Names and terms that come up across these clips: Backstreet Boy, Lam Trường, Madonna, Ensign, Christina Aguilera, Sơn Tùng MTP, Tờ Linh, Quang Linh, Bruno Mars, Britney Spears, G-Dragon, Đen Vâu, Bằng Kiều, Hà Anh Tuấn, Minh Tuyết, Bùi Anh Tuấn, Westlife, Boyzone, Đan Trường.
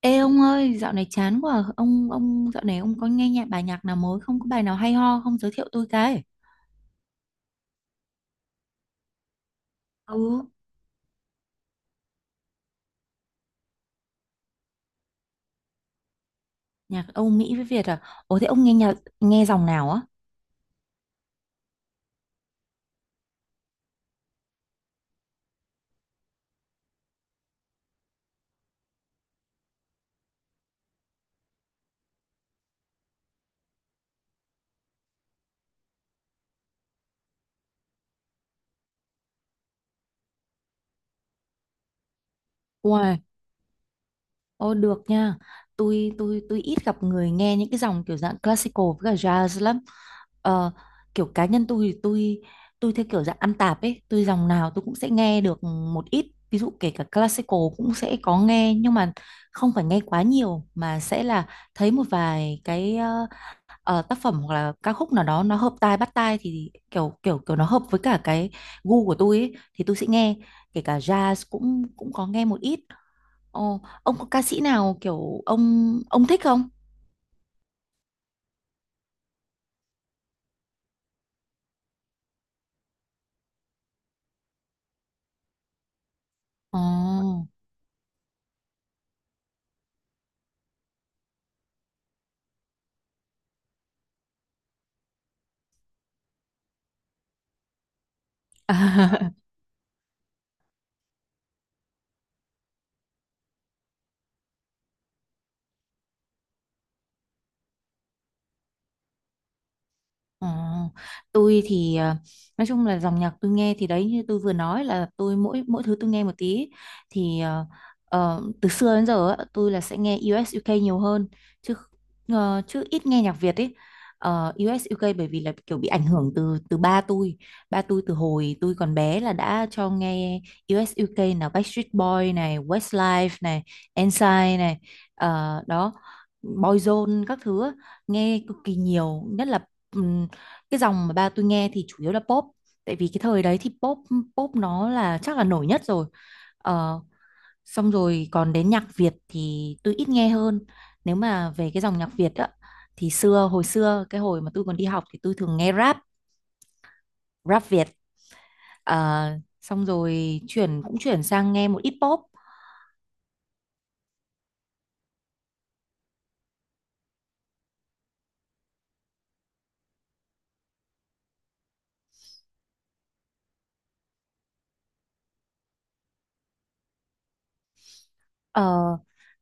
Ê ông ơi, dạo này chán quá. Ông dạo này ông có nghe bài nhạc nào mới không? Có bài nào hay ho không, giới thiệu tôi cái? Ừ, nhạc Âu Mỹ với Việt à? Ủa, thế ông nghe nghe dòng nào á? Uầy, ô được nha. Tôi ít gặp người nghe những cái dòng kiểu dạng classical với cả jazz lắm. Ờ, kiểu cá nhân tôi thì tôi theo kiểu dạng ăn tạp ấy, tôi dòng nào tôi cũng sẽ nghe được một ít. Ví dụ kể cả classical cũng sẽ có nghe, nhưng mà không phải nghe quá nhiều mà sẽ là thấy một vài cái tác phẩm hoặc là ca khúc nào đó nó hợp tai bắt tai, thì kiểu kiểu kiểu nó hợp với cả cái gu của tôi ấy, thì tôi sẽ nghe. Kể cả jazz cũng cũng có nghe một ít. Ồ, ông có ca sĩ nào kiểu ông thích không? Ồ. Ờ, tôi thì nói chung là dòng nhạc tôi nghe thì đấy, như tôi vừa nói, là tôi mỗi mỗi thứ tôi nghe một tí. Thì từ xưa đến giờ á, tôi là sẽ nghe U.S. UK nhiều hơn, chứ chứ ít nghe nhạc Việt ấy. Ờ, u u UK bởi vì là kiểu bị ảnh hưởng từ từ ba tôi. Ba tôi từ hồi tôi còn bé là đã cho nghe U.S. US UK, nào Backstreet Boy này, Westlife này, Ensign này, ờ đó, Boyzone các thứ á, nghe cực kỳ nhiều. Nhất là cái dòng mà ba tôi nghe thì chủ yếu là pop, tại vì cái thời đấy thì pop pop nó là chắc là nổi nhất rồi. ờ, Xong rồi còn đến nhạc Việt thì tôi ít nghe hơn. Nếu mà về cái dòng nhạc Việt á, thì hồi xưa cái hồi mà tôi còn đi học thì tôi thường nghe rap rap Việt. Ờ, xong rồi chuyển sang nghe một ít pop. Ờ,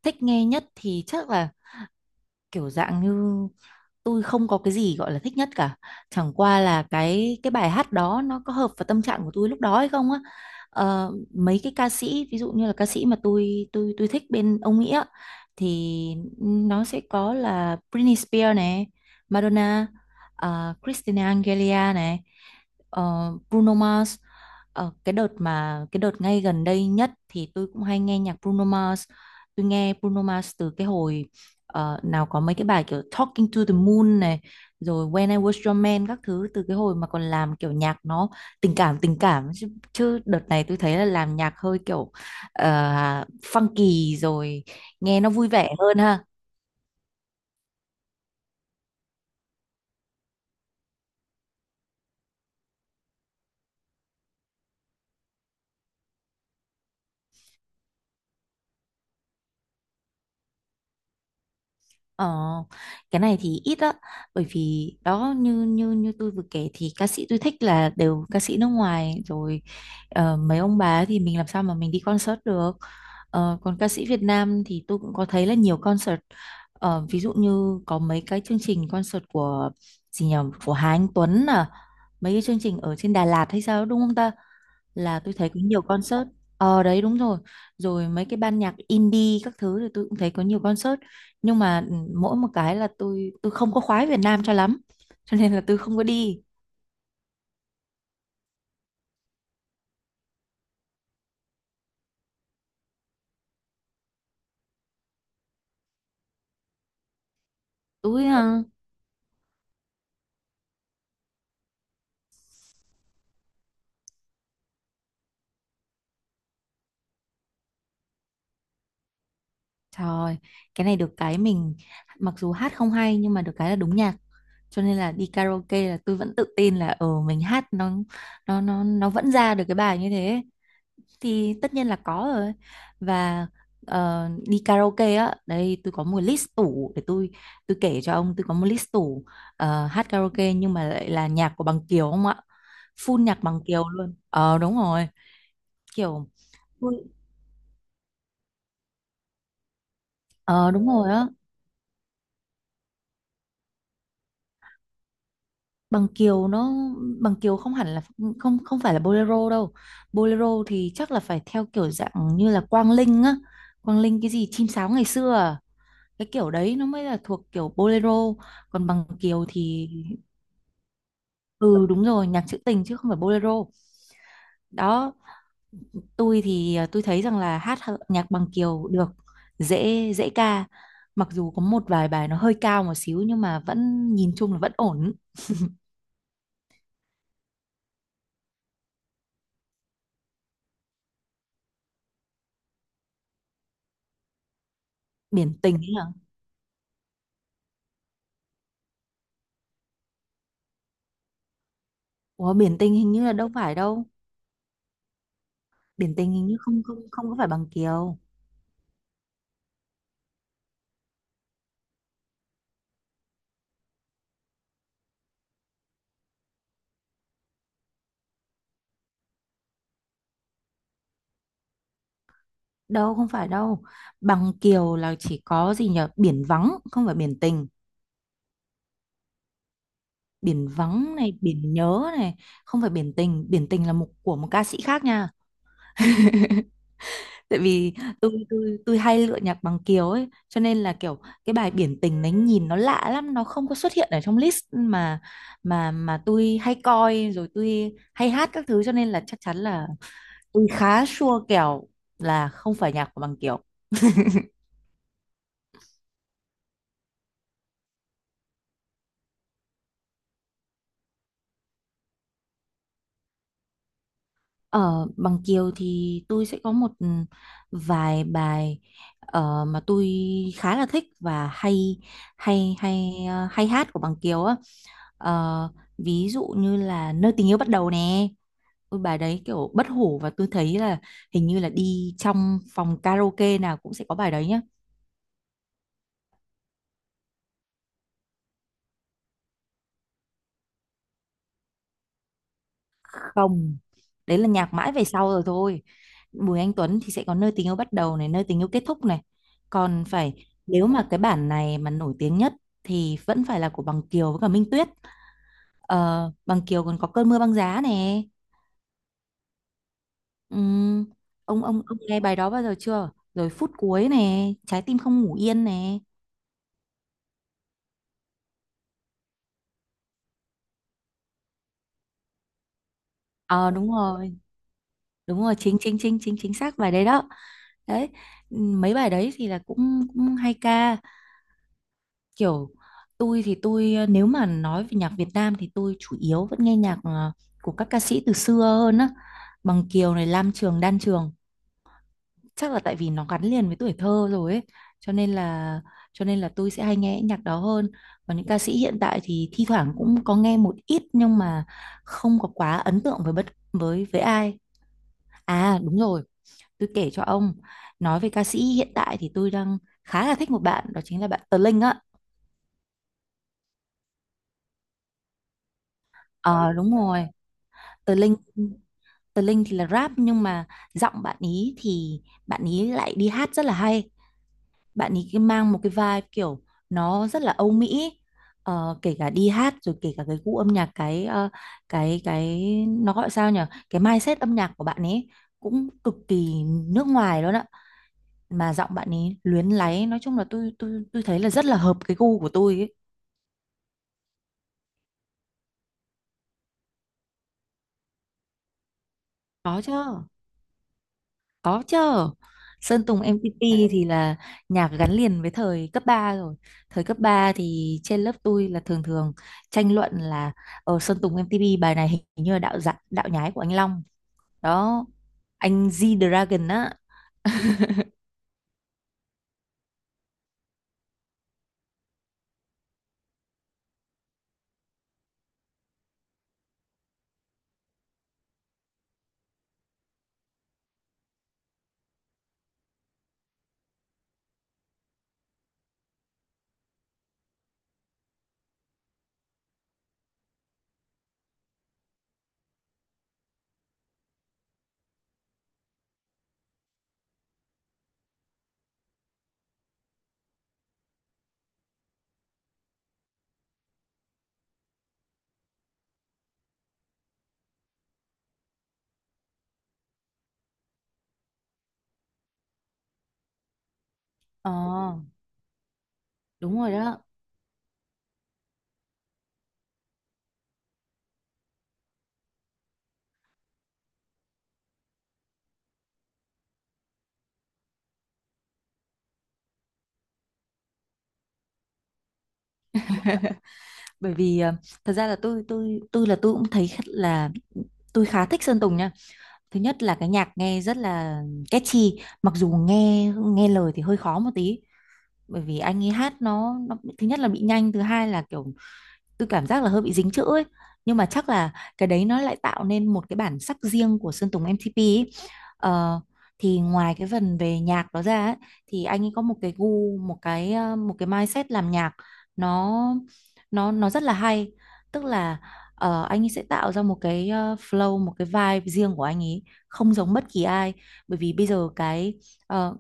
thích nghe nhất thì chắc là kiểu dạng như... tôi không có cái gì gọi là thích nhất cả, chẳng qua là cái bài hát đó nó có hợp vào tâm trạng của tôi lúc đó hay không á. Ờ, mấy cái ca sĩ, ví dụ như là ca sĩ mà tôi thích bên ông Mỹ á, thì nó sẽ có là Britney Spears này, Madonna, Christina Aguilera này, Bruno Mars. Ờ, cái đợt ngay gần đây nhất thì tôi cũng hay nghe nhạc Bruno Mars. Tôi nghe Bruno Mars từ cái hồi nào có mấy cái bài kiểu Talking to the Moon này, rồi When I Was Your Man các thứ, từ cái hồi mà còn làm kiểu nhạc nó tình cảm, tình cảm chứ. Chứ đợt này tôi thấy là làm nhạc hơi kiểu ờ, funky rồi, nghe nó vui vẻ hơn ha. Ờ, cái này thì ít á, bởi vì đó, như như như tôi vừa kể, thì ca sĩ tôi thích là đều ca sĩ nước ngoài rồi. Mấy ông bà ấy thì mình làm sao mà mình đi concert được. Ờ, còn ca sĩ Việt Nam thì tôi cũng có thấy là nhiều concert. Ờ, ví dụ như có mấy cái chương trình concert của... gì nhỉ... của Hà Anh Tuấn à, mấy cái chương trình ở trên Đà Lạt hay sao đúng không ta, là tôi thấy có nhiều concert. Ờ đấy, đúng rồi, rồi mấy cái ban nhạc indie các thứ thì tôi cũng thấy có nhiều concert. Nhưng mà mỗi một cái là tôi không có khoái Việt Nam cho lắm cho nên là tôi không có đi. Tôi à? Trời, cái này được cái mình... mặc dù hát không hay nhưng mà được cái là đúng nhạc, cho nên là đi karaoke là tôi vẫn tự tin là mình hát nó vẫn ra được cái bài như thế. Thì tất nhiên là có rồi. Và đi karaoke á, đây tôi có một list tủ để tôi kể cho ông. Tôi có một list tủ hát karaoke nhưng mà lại là nhạc của Bằng Kiều, không ạ, full nhạc Bằng Kiều luôn. Ờ đúng rồi. kiểu tôi- ờ đúng rồi á. Bằng Kiều nó Bằng Kiều không hẳn là... không không phải là bolero đâu. Bolero thì chắc là phải theo kiểu dạng như là Quang Linh á, Quang Linh cái gì chim sáo ngày xưa à? Cái kiểu đấy nó mới là thuộc kiểu bolero. Còn Bằng Kiều thì ừ đúng rồi, nhạc trữ tình chứ không phải bolero. Đó. Tôi thì tôi thấy rằng là hát nhạc Bằng Kiều được, dễ dễ ca, mặc dù có một vài bài nó hơi cao một xíu nhưng mà vẫn nhìn chung là vẫn ổn. Biển tình ấy hả? Ủa, biển tình hình như là đâu phải đâu. Biển tình hình như không không không có phải Bằng Kiều đâu, không phải đâu. Bằng Kiều là chỉ có gì nhở, biển vắng, không phải biển tình. Biển vắng này, biển nhớ này, không phải biển tình. Biển tình là một của một ca sĩ khác nha. Tại vì tôi hay lựa nhạc Bằng Kiều ấy, cho nên là kiểu cái bài biển tình đấy nhìn nó lạ lắm, nó không có xuất hiện ở trong list mà tôi hay coi, rồi tôi hay hát các thứ, cho nên là chắc chắn là tôi khá sure kèo là không phải nhạc của Bằng Kiều. Ở Bằng Kiều thì tôi sẽ có một vài bài mà tôi khá là thích và hay hay hay ờ, hay hát của Bằng Kiều á. Ờ, ví dụ như là Nơi tình yêu bắt đầu nè. Ôi bài đấy kiểu bất hủ, và tôi thấy là hình như là đi trong phòng karaoke nào cũng sẽ có bài đấy. Không, đấy là nhạc mãi về sau rồi thôi. Bùi Anh Tuấn thì sẽ có Nơi tình yêu bắt đầu này, Nơi tình yêu kết thúc này. Còn phải, nếu mà cái bản này mà nổi tiếng nhất thì vẫn phải là của Bằng Kiều với cả Minh Tuyết. Ờ, Bằng Kiều còn có Cơn mưa băng giá nè. Ừm, ông nghe bài đó bao giờ chưa, rồi Phút cuối nè, Trái tim không ngủ yên nè. Ờ đúng rồi, đúng rồi, chính chính chính chính chính xác bài đấy đó. Đấy, mấy bài đấy thì là cũng cũng hay ca. Kiểu tôi thì nếu mà nói về nhạc Việt Nam thì tôi chủ yếu vẫn nghe nhạc của các ca sĩ từ xưa hơn á, Bằng Kiều này, Lam Trường, Đan Trường, chắc là tại vì nó gắn liền với tuổi thơ rồi ấy, cho nên là tôi sẽ hay nghe nhạc đó hơn. Còn những ca sĩ hiện tại thì thi thoảng cũng có nghe một ít, nhưng mà không có quá ấn tượng với bất với ai. À đúng rồi, tôi kể cho ông, nói về ca sĩ hiện tại thì tôi đang khá là thích một bạn, đó chính là bạn Tờ Linh á. Ờ đúng rồi, Tờ Linh Tờ Linh thì là rap nhưng mà giọng bạn ý thì bạn ý lại đi hát rất là hay. Bạn ý cái mang một cái vibe kiểu nó rất là Âu Mỹ. Ờ, kể cả đi hát rồi kể cả cái gu âm nhạc, cái ờ, cái nó gọi sao nhỉ? Cái mindset âm nhạc của bạn ấy cũng cực kỳ nước ngoài luôn ạ. Mà giọng bạn ấy luyến láy, nói chung là tôi thấy là rất là hợp cái gu của tôi ấy. Có chứ. Có chứ. Sơn Tùng MTP thì là nhạc gắn liền với thời cấp 3 rồi. Thời cấp 3 thì trên lớp tôi là thường thường tranh luận là Sơn Tùng MTP bài này hình như là đạo nhái của anh Long. Đó. Anh G-Dragon á. Ờ, đúng rồi đó. Bởi vì thật ra là tôi cũng thấy khá- là tôi khá thích Sơn Tùng nha. Thứ nhất là cái nhạc nghe rất là catchy, mặc dù nghe nghe lời thì hơi khó một tí, bởi vì anh ấy hát, nó thứ nhất là bị nhanh, thứ hai là kiểu tôi cảm giác là hơi bị dính chữ ấy, nhưng mà chắc là cái đấy nó lại tạo nên một cái bản sắc riêng của Sơn Tùng MTP ấy. Ờ, thì ngoài cái phần về nhạc đó ra ấy, thì anh ấy có một cái gu, một cái một cái mindset làm nhạc, nó nó rất là hay. Tức là anh ấy sẽ tạo ra một cái flow, một cái vibe riêng của anh ấy, không giống bất kỳ ai. Bởi vì bây giờ ờ,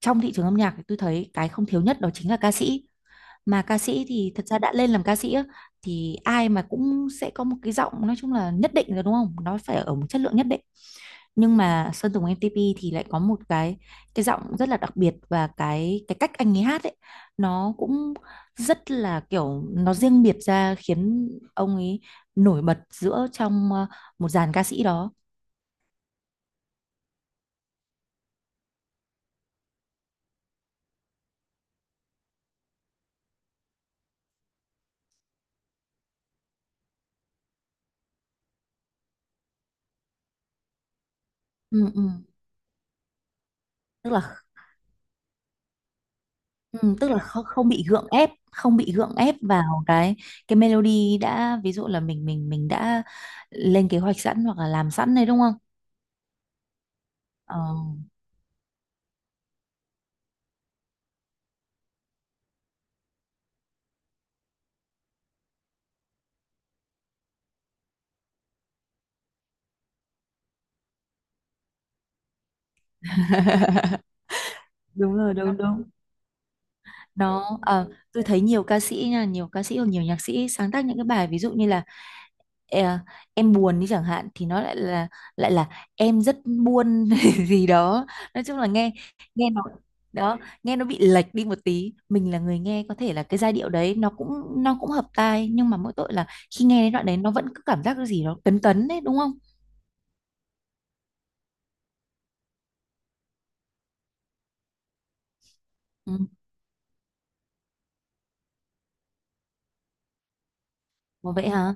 trong thị trường âm nhạc thì tôi thấy cái không thiếu nhất đó chính là ca sĩ. Mà ca sĩ thì thật ra đã lên làm ca sĩ á, thì ai mà cũng sẽ có một cái giọng, nói chung là nhất định rồi đúng không, nó phải ở một chất lượng nhất định. Nhưng mà Sơn Tùng MTP thì lại có một cái giọng rất là đặc biệt, và cái cách anh ấy hát ấy nó cũng rất là kiểu nó riêng biệt ra, khiến ông ấy nổi bật giữa trong một dàn ca sĩ đó. Ừ, ừ. Tức là... Ừ, tức là không, không bị gượng ép, không bị gượng ép vào cái melody đã, ví dụ là mình đã lên kế hoạch sẵn hoặc là làm sẵn đấy đúng không? Ờ. Đúng rồi, đúng đúng. Tôi thấy nhiều ca sĩ nha, nhiều ca sĩ hoặc nhiều nhạc sĩ sáng tác những cái bài ví dụ như là ờ, em buồn đi chẳng hạn, thì nó lại là em rất buồn gì đó. Nói chung là nghe nghe nó đó nghe nó bị lệch đi một tí, mình là người nghe có thể là cái giai điệu đấy nó cũng hợp tai, nhưng mà mỗi tội là khi nghe đến đoạn đấy nó vẫn cứ cảm giác cái gì đó cấn cấn đấy đúng không. Ừ. Ủa vậy hả,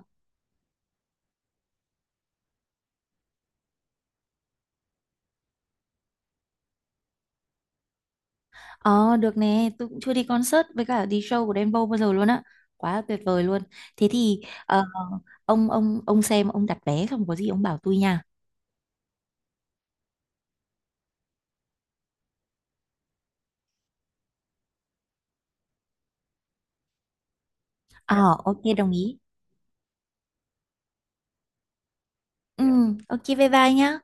ờ được nè, tôi cũng chưa đi concert với cả đi show của Đen Vâu bao giờ luôn á, quá là tuyệt vời luôn. Thế thì ông xem ông đặt vé xong có gì ông bảo tôi nha. Ờ ok, đồng ý. Ừ, ok, bye bye nhá.